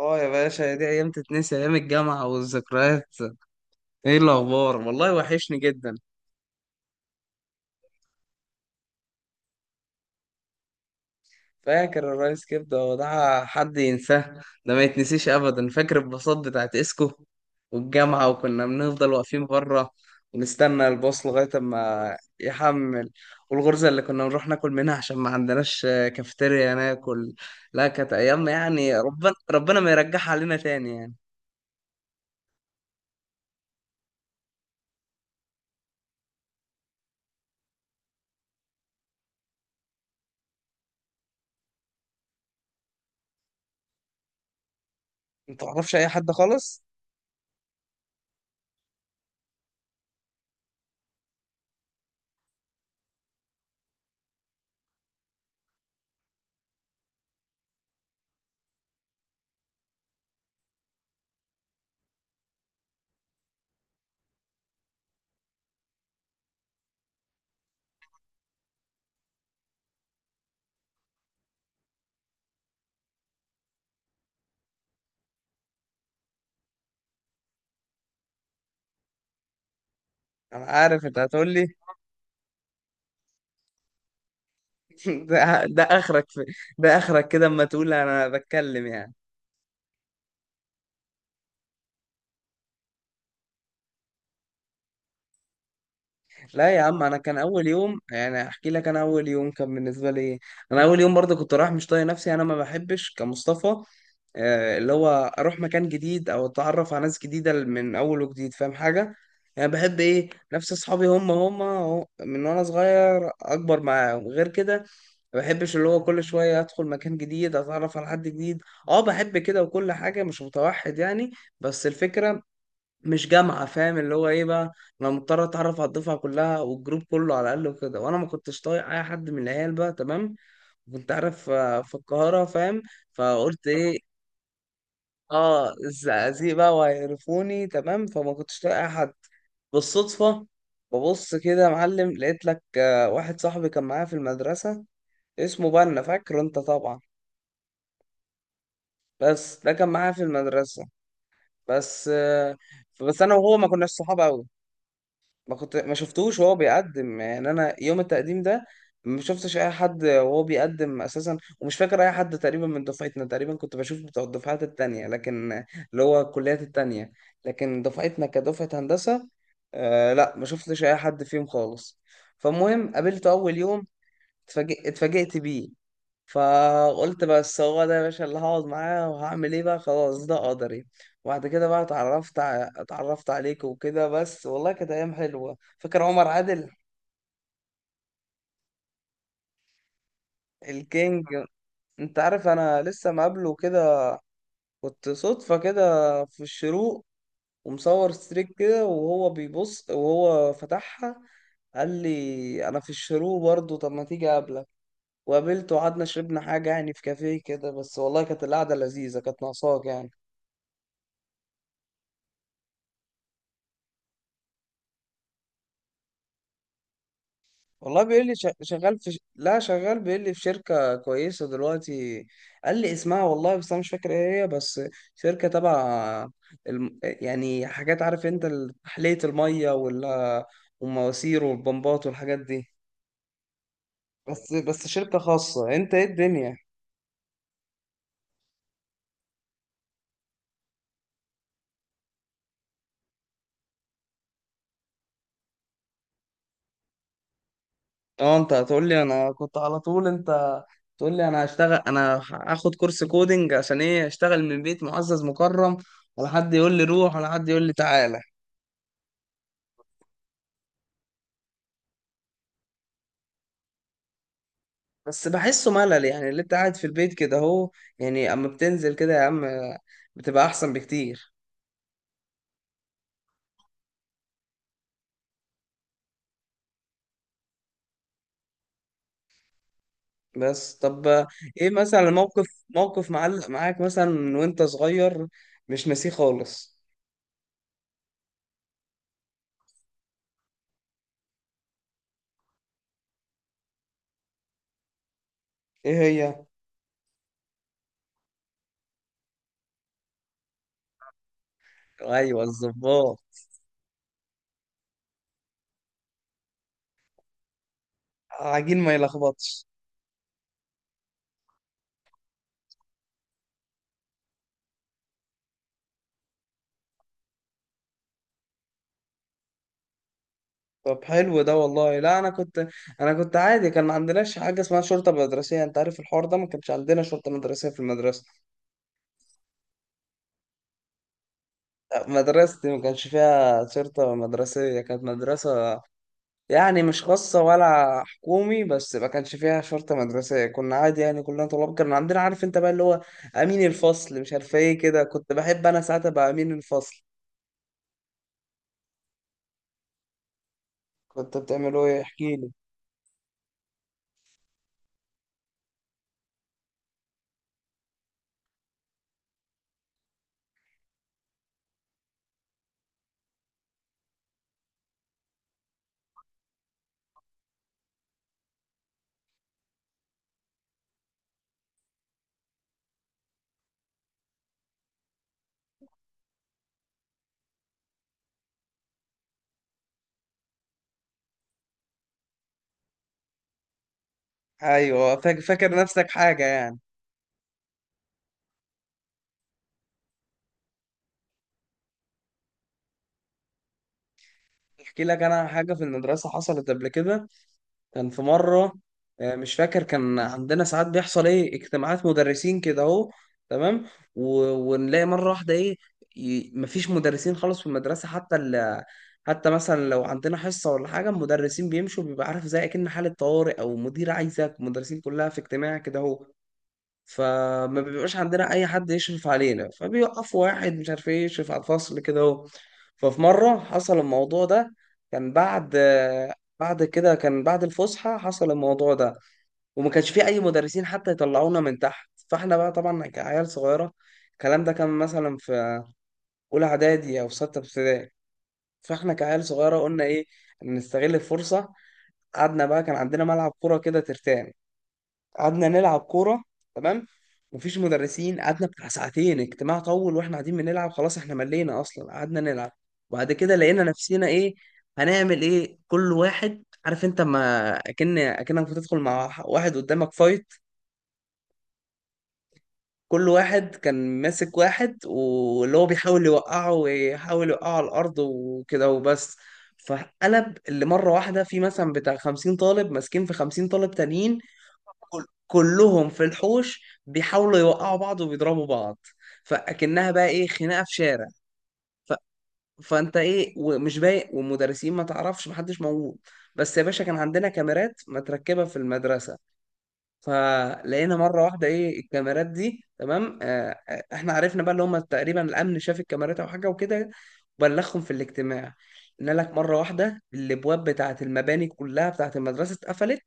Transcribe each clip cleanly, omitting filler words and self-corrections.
اه يا باشا، دي ايام تتنسي. ايام الجامعه والذكريات، ايه الاخبار؟ والله وحشني جدا. فاكر الرئيس كبده؟ هو ده حد ينساه؟ ده ما يتنسيش ابدا. فاكر الباصات بتاعت اسكو والجامعه، وكنا بنفضل واقفين بره ونستنى الباص لغايه اما يحمل. والغرزه اللي كنا نروح ناكل منها عشان ما عندناش كافيتيريا ناكل. لا، كانت ايام، يعني ربنا ما يرجعها علينا تاني يعني. ما تعرفش اي حد خالص. انا عارف انت هتقول. ده اخرك في، ده اخرك كده اما تقول انا بتكلم يعني. لا يا عم، انا كان اول يوم يعني. احكي لك، انا اول يوم كان بالنسبه لي إيه. انا اول يوم برضه كنت رايح مش طايق نفسي. انا ما بحبش، كمصطفى، اللي هو اروح مكان جديد او اتعرف على ناس جديده من اول وجديد، فاهم حاجه؟ يعني بحب ايه؟ نفس اصحابي، هم أهو، من وانا صغير اكبر معاهم، غير كده ما بحبش. اللي هو كل شويه ادخل مكان جديد، اتعرف على حد جديد، اه بحب كده وكل حاجه، مش متوحد يعني. بس الفكره، مش جامعة فاهم اللي هو ايه بقى؟ انا مضطر اتعرف على الدفعة كلها والجروب كله على الاقل وكده. وانا ما كنتش طايق اي حد من العيال بقى، تمام؟ كنت عارف في القاهرة، فاهم؟ فقلت ايه؟ اه، الزقازيق بقى، وهيعرفوني تمام، فما كنتش طايق اي حد. بالصدفة ببص كده يا معلم، لقيت لك واحد صاحبي كان معايا في المدرسة. اسمه بنا، فاكره انت طبعا. بس ده كان معايا في المدرسة بس. بس انا وهو ما كناش صحاب قوي. ما كنت، ما شفتوش وهو بيقدم يعني. انا يوم التقديم ده ما شفتش اي حد وهو بيقدم اساسا، ومش فاكر اي حد تقريبا من دفعتنا. تقريبا كنت بشوف بتوع الدفعات التانية، لكن اللي هو الكليات التانية. لكن دفعتنا كدفعة هندسة، آه لا، ما شفتش اي حد فيهم خالص. فالمهم قابلته اول يوم، اتفاجئت بيه. فقلت بس، هو ده يا باشا اللي هقعد معاه، وهعمل ايه بقى؟ خلاص ده قدري. وبعد كده بقى اتعرفت عليك وكده. بس والله كانت ايام حلوه. فاكر عمر عادل؟ الكينج. انت عارف انا لسه مقابله كده؟ كنت صدفه كده في الشروق، ومصور ستريك كده، وهو بيبص وهو فتحها. قال لي انا في الشروق برضه، طب ما تيجي اقابلك؟ وقابلته وقعدنا شربنا حاجه يعني، في كافيه كده. بس والله كانت القعده لذيذه، كانت ناقصاك يعني. والله بيقول لي شغال في ش... لا، شغال. بيقول لي في شركة كويسة دلوقتي. قال لي اسمها والله بس أنا مش فاكر إيه هي. بس شركة تبع الم... يعني حاجات، عارف أنت، تحلية المية، وال... والمواسير والبمبات والحاجات دي. بس بس شركة خاصة. أنت إيه الدنيا؟ أه، أنت هتقول لي أنا كنت على طول. أنت تقول لي أنا هشتغل، أنا هاخد كورس كودينج عشان إيه؟ أشتغل من بيت، معزز مكرم، ولا حد يقول لي روح، ولا حد يقول لي تعالى. بس بحسه ملل، يعني اللي انت قاعد في البيت كده اهو. يعني اما بتنزل كده يا عم، بتبقى احسن بكتير. بس طب، ايه مثلا موقف معلق معاك مثلا من وانت صغير، مش ناسيه خالص؟ ايه هي؟ ايوه، الظباط. عجين ما يلخبطش. طب حلو ده والله. لا انا كنت، انا كنت عادي. كان ما عندناش حاجه اسمها شرطه مدرسيه. انت عارف الحوار ده، ما كانش عندنا شرطه مدرسيه في المدرسه. مدرستي ما كانش فيها شرطه مدرسيه. كانت مدرسه يعني مش خاصة ولا حكومي، بس ما كانش فيها شرطة مدرسية. كنا عادي يعني، كلنا طلاب. كان عندنا، عارف انت بقى، اللي هو أمين الفصل، مش عارف ايه كده. كنت بحب أنا ساعتها بقى أمين الفصل. كنت بتعملوا ايه؟ احكي لي. أيوه، فاكر نفسك حاجة يعني. احكي لك أنا حاجة في المدرسة حصلت قبل كده. كان في مرة، مش فاكر، كان عندنا ساعات بيحصل ايه، اجتماعات مدرسين كده اهو، تمام. و... ونلاقي مرة واحدة ايه، مفيش مدرسين خالص في المدرسة. حتى حتى مثلا لو عندنا حصة ولا حاجة المدرسين بيمشوا. بيبقى عارف، زي اكن حالة طوارئ، او مدير عايزك، المدرسين كلها في اجتماع كده اهو. فما بيبقاش عندنا اي حد يشرف علينا، فبيوقفوا واحد مش عارف ايه يشرف على الفصل كده اهو. ففي مره حصل الموضوع ده، كان بعد، بعد كده، كان بعد الفسحه حصل الموضوع ده. وما كانش في اي مدرسين حتى يطلعونا من تحت، فاحنا بقى طبعا كعيال صغيره. الكلام ده كان مثلا في اولى اعدادي او سته ابتدائي. فاحنا كعيال صغيره قلنا ايه؟ نستغل الفرصه. قعدنا بقى، كان عندنا ملعب كوره كده ترتان، قعدنا نلعب كورة، تمام. مفيش مدرسين، قعدنا بتاع ساعتين اجتماع طول، واحنا قاعدين بنلعب. خلاص، احنا ملينا اصلا، قعدنا نلعب. وبعد كده لقينا نفسنا ايه؟ هنعمل ايه؟ كل واحد، عارف انت، ما اكنك بتدخل مع واحد قدامك فايت. كل واحد كان ماسك واحد، واللي هو بيحاول يوقعه، ويحاول يوقعه على الارض وكده وبس. فقلب اللي مره واحده، في مثلا بتاع 50 طالب ماسكين في 50 طالب تانيين، كلهم في الحوش بيحاولوا يوقعوا بعض وبيضربوا بعض. فاكنها بقى ايه، خناقه في شارع. ف... فانت ايه ومش بايق، والمدرسين ما تعرفش، محدش موجود. بس يا باشا، كان عندنا كاميرات متركبه في المدرسه. فلقينا مره واحده ايه، الكاميرات دي، تمام. احنا عرفنا بقى، اللي هم تقريبا الامن شاف الكاميرات او حاجه وكده، وبلغهم في الاجتماع. قلنا لك مره واحده، الابواب بتاعه المباني كلها بتاعه المدرسه اتقفلت،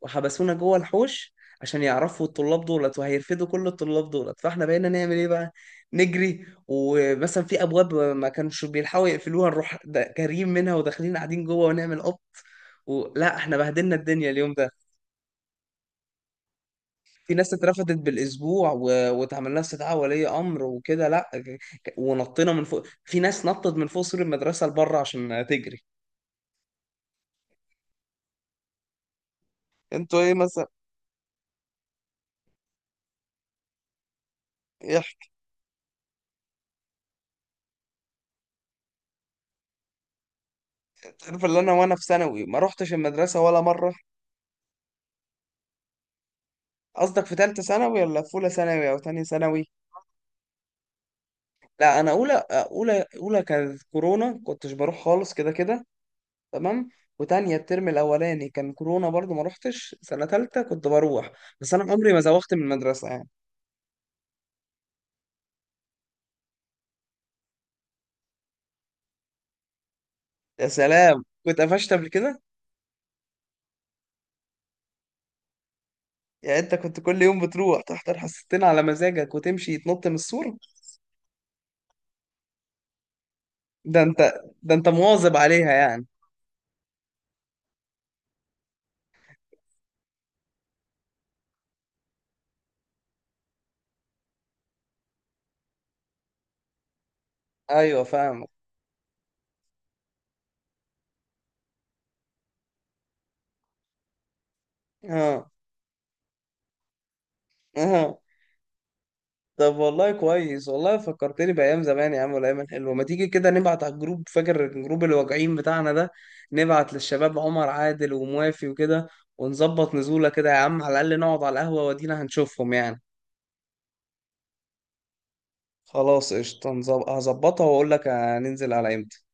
وحبسونا جوه الحوش، عشان يعرفوا الطلاب دولت وهيرفدوا كل الطلاب دولت. فاحنا بقينا نعمل ايه بقى؟ نجري، ومثلا في ابواب ما كانش بيلحقوا يقفلوها، نروح جاريين منها وداخلين قاعدين جوه ونعمل قط. ولا احنا بهدلنا الدنيا اليوم ده. في ناس اترفضت بالاسبوع واتعمل لها استدعاء ولي امر وكده. لا ك- ك- ونطينا من فوق. في ناس نطت من فوق سور المدرسه لبره عشان تجري. انتوا ايه مثلا؟ إيه ح- تعرف اللي انا وانا في ثانوي، ما روحتش المدرسه ولا مره؟ قصدك في ثالثه ثانوي، ولا في اولى ثانوي او ثانيه ثانوي؟ لا انا اولى، اولى كانت كورونا، كنتش بروح خالص كده كده، تمام. وتانية الترم الاولاني كان كورونا برضو، ما روحتش. سنه ثالثه كنت بروح، بس انا عمري ما زوغت من المدرسه يعني. يا سلام، كنت قفشت قبل كده؟ يعني انت كنت كل يوم بتروح تحضر حصتين على مزاجك، وتمشي تنط من السور؟ ده انت، ده انت مواظب عليها يعني. ايوه، فاهمك. اه، اه. طب والله كويس، والله فكرتني بايام زمان يا عم والايام الحلوه. ما تيجي كده نبعت على الجروب، فاكر الجروب الواجعين بتاعنا ده؟ نبعت للشباب عمر عادل وموافي وكده، ونظبط نزوله كده يا عم. على الاقل نقعد على القهوه ودينا هنشوفهم يعني. خلاص قشطه، هظبطها واقول لك هننزل على امتى.